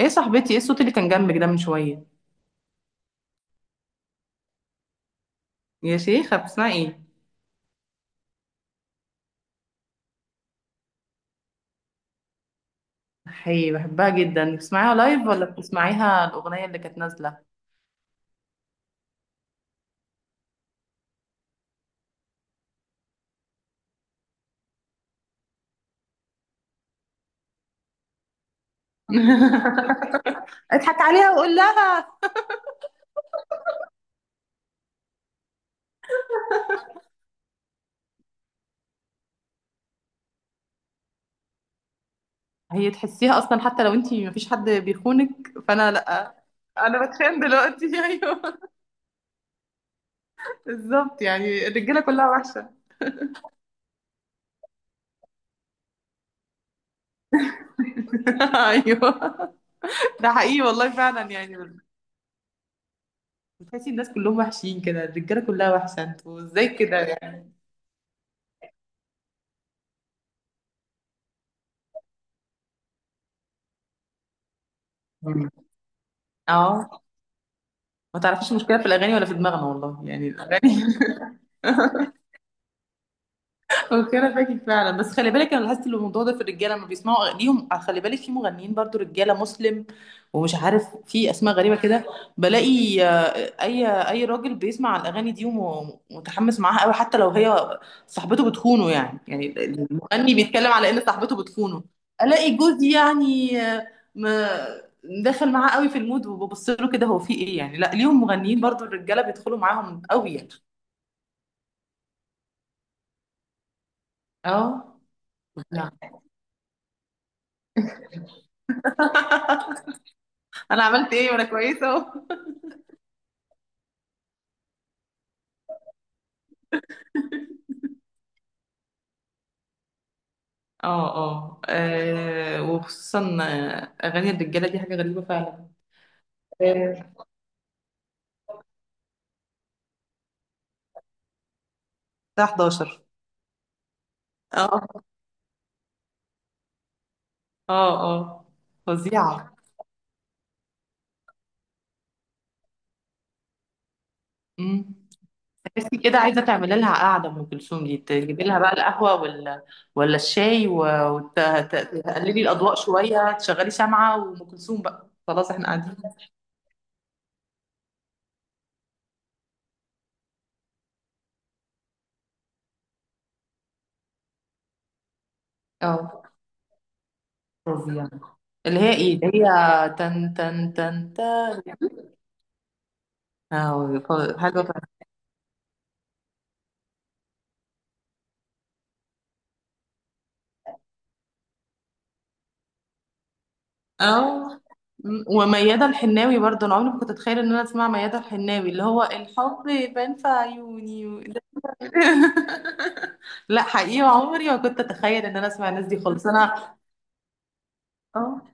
ايه صاحبتي، ايه الصوت اللي كان جنبك ده من شوية؟ يا شيخة، بتسمعي ايه؟ حي، بحبها جدا. بتسمعيها لايف ولا بتسمعيها الأغنية اللي كانت نازلة؟ اضحك عليها وقول لها. هي تحسيها اصلا حتى لو انتي مفيش حد بيخونك، فانا لا، انا بتخان دلوقتي. ايوه، بالظبط. يعني الرجاله كلها وحشه. ايوه، ده حقيقي والله، فعلا يعني. بتحسي الناس كلهم وحشين كده، الرجاله كلها وحشه، انتوا ازاي كده يعني؟ اه. ما تعرفيش المشكلة في الأغاني ولا في دماغنا، والله يعني الأغاني. اوكي، انا فاكر فعلا، بس خلي بالك انا لاحظت إن الموضوع ده في الرجاله لما بيسمعوا اغانيهم. خلي بالك في مغنيين برضو رجاله، مسلم ومش عارف، في اسماء غريبه كده. بلاقي اي راجل بيسمع الاغاني دي ومتحمس معاها قوي، حتى لو هي صاحبته بتخونه. يعني المغني بيتكلم على ان صاحبته بتخونه. الاقي جوزي يعني، ما دخل معاه قوي في المود وببص له كده، هو في ايه يعني؟ لا ليهم مغنيين برضو الرجاله بيدخلوا معاهم قوي يعني. اه، لا. انا عملت ايه وانا كويسه اهو. اه اه، وخصوصا اغاني الرجاله دي حاجه غريبه فعلا. آه، الساعه 11. اه اه اه، فظيعه. امم تحسي كده عايزه تعملي لها قعده ام كلثوم دي، تجيبي لها بقى القهوه ولا الشاي، وتقللي الاضواء شويه، تشغلي شمعه، وام كلثوم بقى، خلاص احنا قاعدين. اه فظيعه. اللي هي ايه؟ اللي هي تن تن تن تن. حاجه. اه. وميادة الحناوي برضه، انا عمري ما كنت اتخيل ان انا اسمع ميادة الحناوي، اللي هو الحب يبان في عيوني. لا حقيقي، عمري ما كنت اتخيل ان انا اسمع الناس دي خالص انا. اه.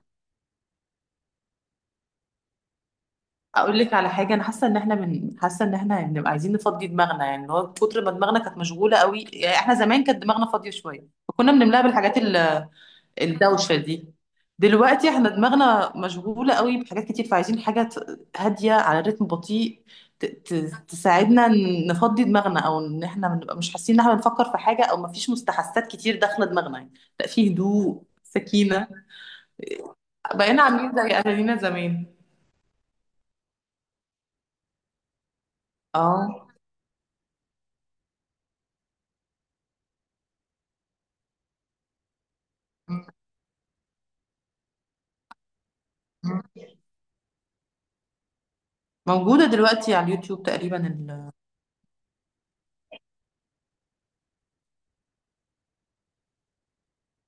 اقول لك على حاجه، انا حاسه ان احنا حاسه ان احنا يعني بنبقى عايزين نفضي دماغنا. يعني اللي هو كتر ما دماغنا كانت مشغوله قوي، يعني احنا زمان كانت دماغنا فاضيه شويه فكنا بنملاها بالحاجات، الدوشة دي. دلوقتي احنا دماغنا مشغولة قوي بحاجات كتير، فعايزين حاجة هادية، على رتم بطيء، تساعدنا نفضي دماغنا، او ان احنا بنبقى مش حاسين ان احنا بنفكر في حاجة، او مفيش مستحسات كتير داخلة دماغنا يعني. لا، في هدوء، سكينة. بقينا عاملين زي اهالينا زمان. اه. م- م. موجودة دلوقتي على اليوتيوب تقريبا.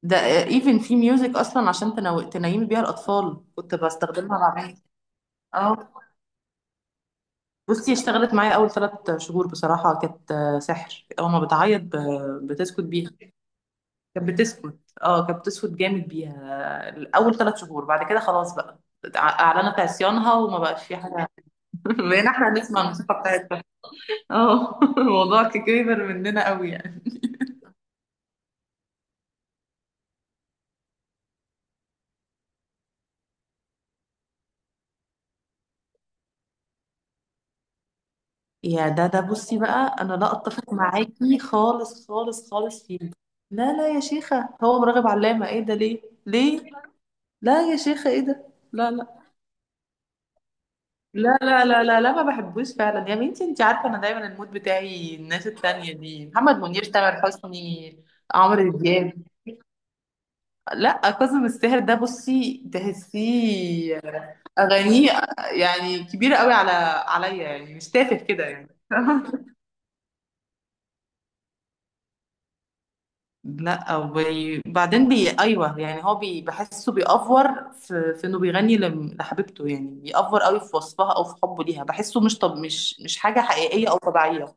ده ايفن في ميوزك اصلا، عشان تنيمي بيها الاطفال، كنت بستخدمها مع بنتي. اه بصي، اشتغلت معايا اول ثلاث شهور بصراحه، كانت سحر. اول ما بتعيط، بتسكت بيها. كانت بتسكت. اه كانت بتسكت جامد بيها. اول ثلاث شهور، بعد كده خلاص بقى، اعلنت عصيانها وما بقاش في حاجه. بقينا احنا نسمع الموسيقى بتاعتها. اه. الموضوع كبر مننا قوي يعني. يا ده، بصي بقى، انا لا اتفق معاكي خالص خالص خالص فيه. لا لا يا شيخه، هو مراغب علامه؟ ايه ده، ليه ليه؟ لا يا شيخه، ايه ده؟ لا لا لا لا لا لا لا، ما بحبوش فعلا يا بنتي. انت عارفه انا دايما المود بتاعي الناس التانية دي: محمد منير، تامر حسني، عمرو دياب. لا كاظم الساهر ده بصي تحسيه، اغانيه يعني كبيره قوي عليا، يعني مش تافه كده يعني. لا وبعدين ايوه يعني، هو بحسه بيأفور في، في انه بيغني لحبيبته، يعني بيأفور قوي في وصفها او في حبه ليها. بحسه مش، طب مش حاجه حقيقيه او طبيعيه.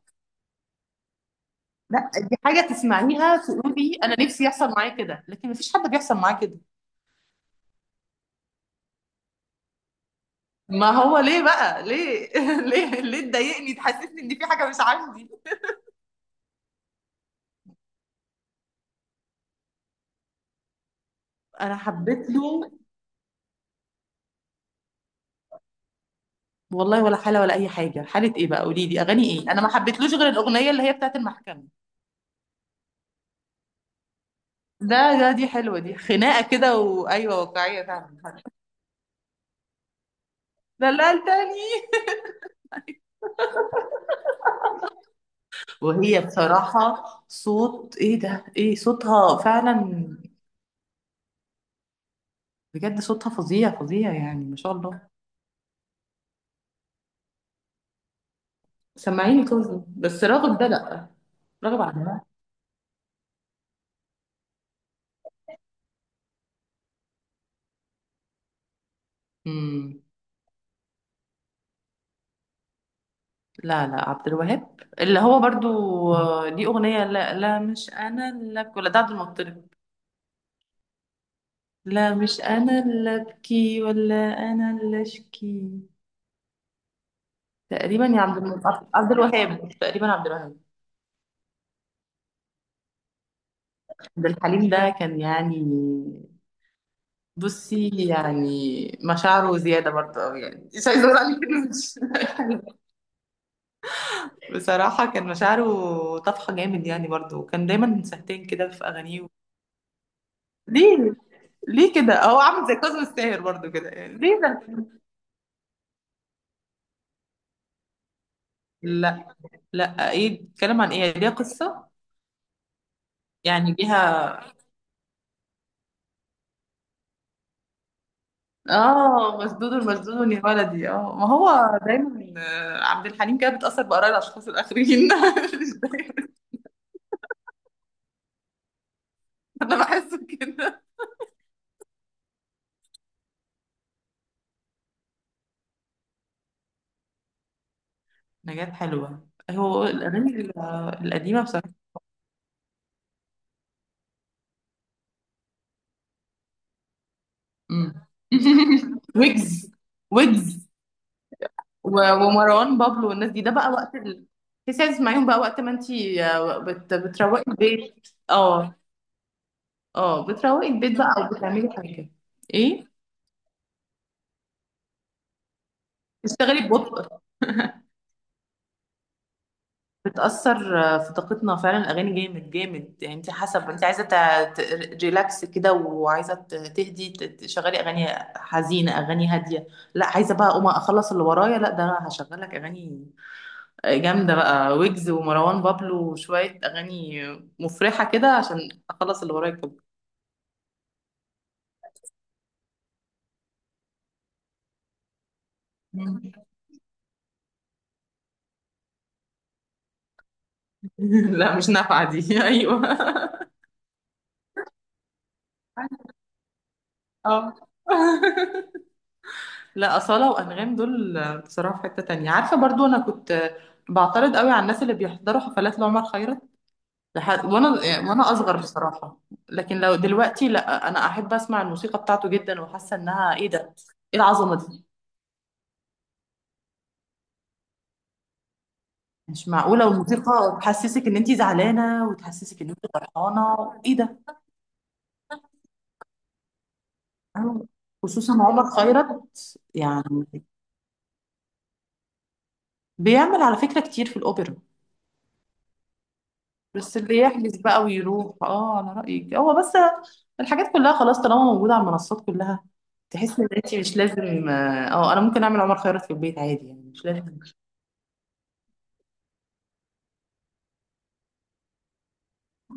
لا دي حاجة تسمعيها تقولي أنا نفسي يحصل معايا كده، لكن مفيش حد بيحصل معاه كده. ما هو ليه بقى، ليه؟ ليه ليه تضايقني، تحسسني إن في حاجة مش عندي؟ أنا حبيت له والله ولا حالة، ولا أي حاجة، حالة إيه بقى؟ قولي لي أغاني إيه؟ أنا ما حبيتلوش غير الأغنية اللي هي بتاعت المحكمة. ده ده دي حلوة، دي خناقة كده، وأيوة واقعية فعلا. دللتني. وهي بصراحة صوت، إيه ده، إيه صوتها فعلا؟ بجد صوتها فظيع فظيع يعني، ما شاء الله. سمعيني كاظم بس، راغب ده لأ. راغب عبد الوهاب. امم لا لا، عبد الوهاب اللي هو برضو، ليه أغنية لا لا مش أنا اللي أبكي ولا؟ ده عبد المطلب؟ لا، مش أنا اللي أبكي ولا أنا اللي أشكي. تقريبا يا عبد عبد الوهاب، تقريبا عبد الوهاب. عبد الحليم ده كان يعني، بصي يعني مشاعره زيادة برضه أوي، يعني مش عايزة أقول عليه كده، مش بصراحة كان مشاعره طفحة جامد يعني برضو، وكان دايما سهتين كده في أغانيه. ليه؟ ليه كده، هو عامل زي كاظم الساهر برضو كده يعني؟ ليه ده؟ لا لا، ايه بتتكلم عن ايه، يعني ليها قصة؟ يعني ليها. اه مسدود، المسدود يا ولدي. اه، ما هو دايما عبد الحليم كده بتأثر بآراء الأشخاص الآخرين. مش دايما. أنا بحسه كده. نجاة حلوة، هو الأغاني القديمة بصراحة. مم. ويجز. ويجز ومروان بابلو والناس دي، ده بقى وقت. تحسي عايز تسمعيهم بقى وقت ما انتي بتروقي البيت. اه اه، بتروقي البيت بقى او بتعملي حاجه. ايه، تشتغلي ببطء. بتأثر في طاقتنا فعلا الأغاني، جامد جامد يعني. انت حسب، انت عايزة ريلاكس كده وعايزة تهدي، تشغلي أغاني حزينة، أغاني هادية. لا عايزة بقى أقوم أخلص اللي ورايا، لا ده أنا هشغلك أغاني جامدة بقى، ويجز ومروان بابلو وشوية أغاني مفرحة كده، عشان أخلص اللي ورايا كله. مم. لا مش نافعة دي. أيوه. اه. لا أصالة وأنغام دول بصراحة في حتة تانية. عارفة برضو أنا كنت بعترض قوي على الناس اللي بيحضروا حفلات لعمر خيرت، لحد وأنا أصغر بصراحة، لكن لو دلوقتي لا، أنا أحب أسمع الموسيقى بتاعته جدا، وحاسة إنها إيه ده، إيه العظمة دي؟ مش معقولة. والموسيقى تحسسك ان انت زعلانة، وتحسسك ان انت فرحانة، ايه ده؟ أو خصوصا عمر خيرت يعني. بيعمل على فكرة كتير في الأوبرا، بس اللي يحجز بقى ويروح. اه، انا رأيك هو بس، الحاجات كلها خلاص طالما موجودة على المنصات كلها، تحس ان انت مش لازم. اه، انا ممكن اعمل عمر خيرت في البيت عادي، يعني مش لازم.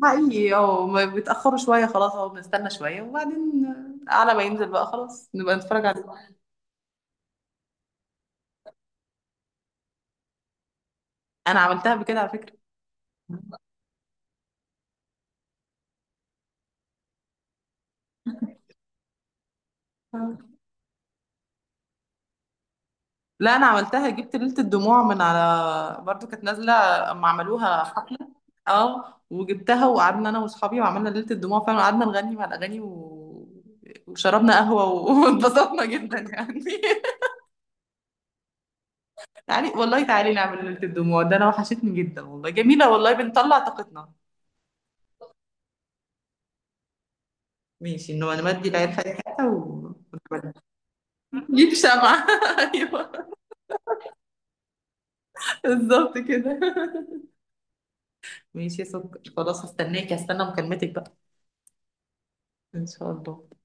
حقيقي. اه، ما بيتأخروا شوية، خلاص اهو بنستنى شوية وبعدين، على ما ينزل بقى خلاص نبقى نتفرج عليه. انا عملتها بكده على فكرة. لا انا عملتها، جبت ليلة الدموع من على، برضو كانت نازلة اما عملوها حفلة. اه، وجبتها وقعدنا انا واصحابي وعملنا ليلة الدموع فعلا، وقعدنا نغني مع الاغاني، وشربنا قهوة، واتبسطنا جدا يعني. تعالي والله، تعالي نعمل ليلة الدموع، ده انا وحشتني جدا والله، جميلة والله، بنطلع طاقتنا. ماشي، انه نودي العيال في أي حتة، نجيب شمعة. ايوه، بالظبط كده. ماشي يا سكر، خلاص هستنى مكالمتك بقى. ان شاء الله.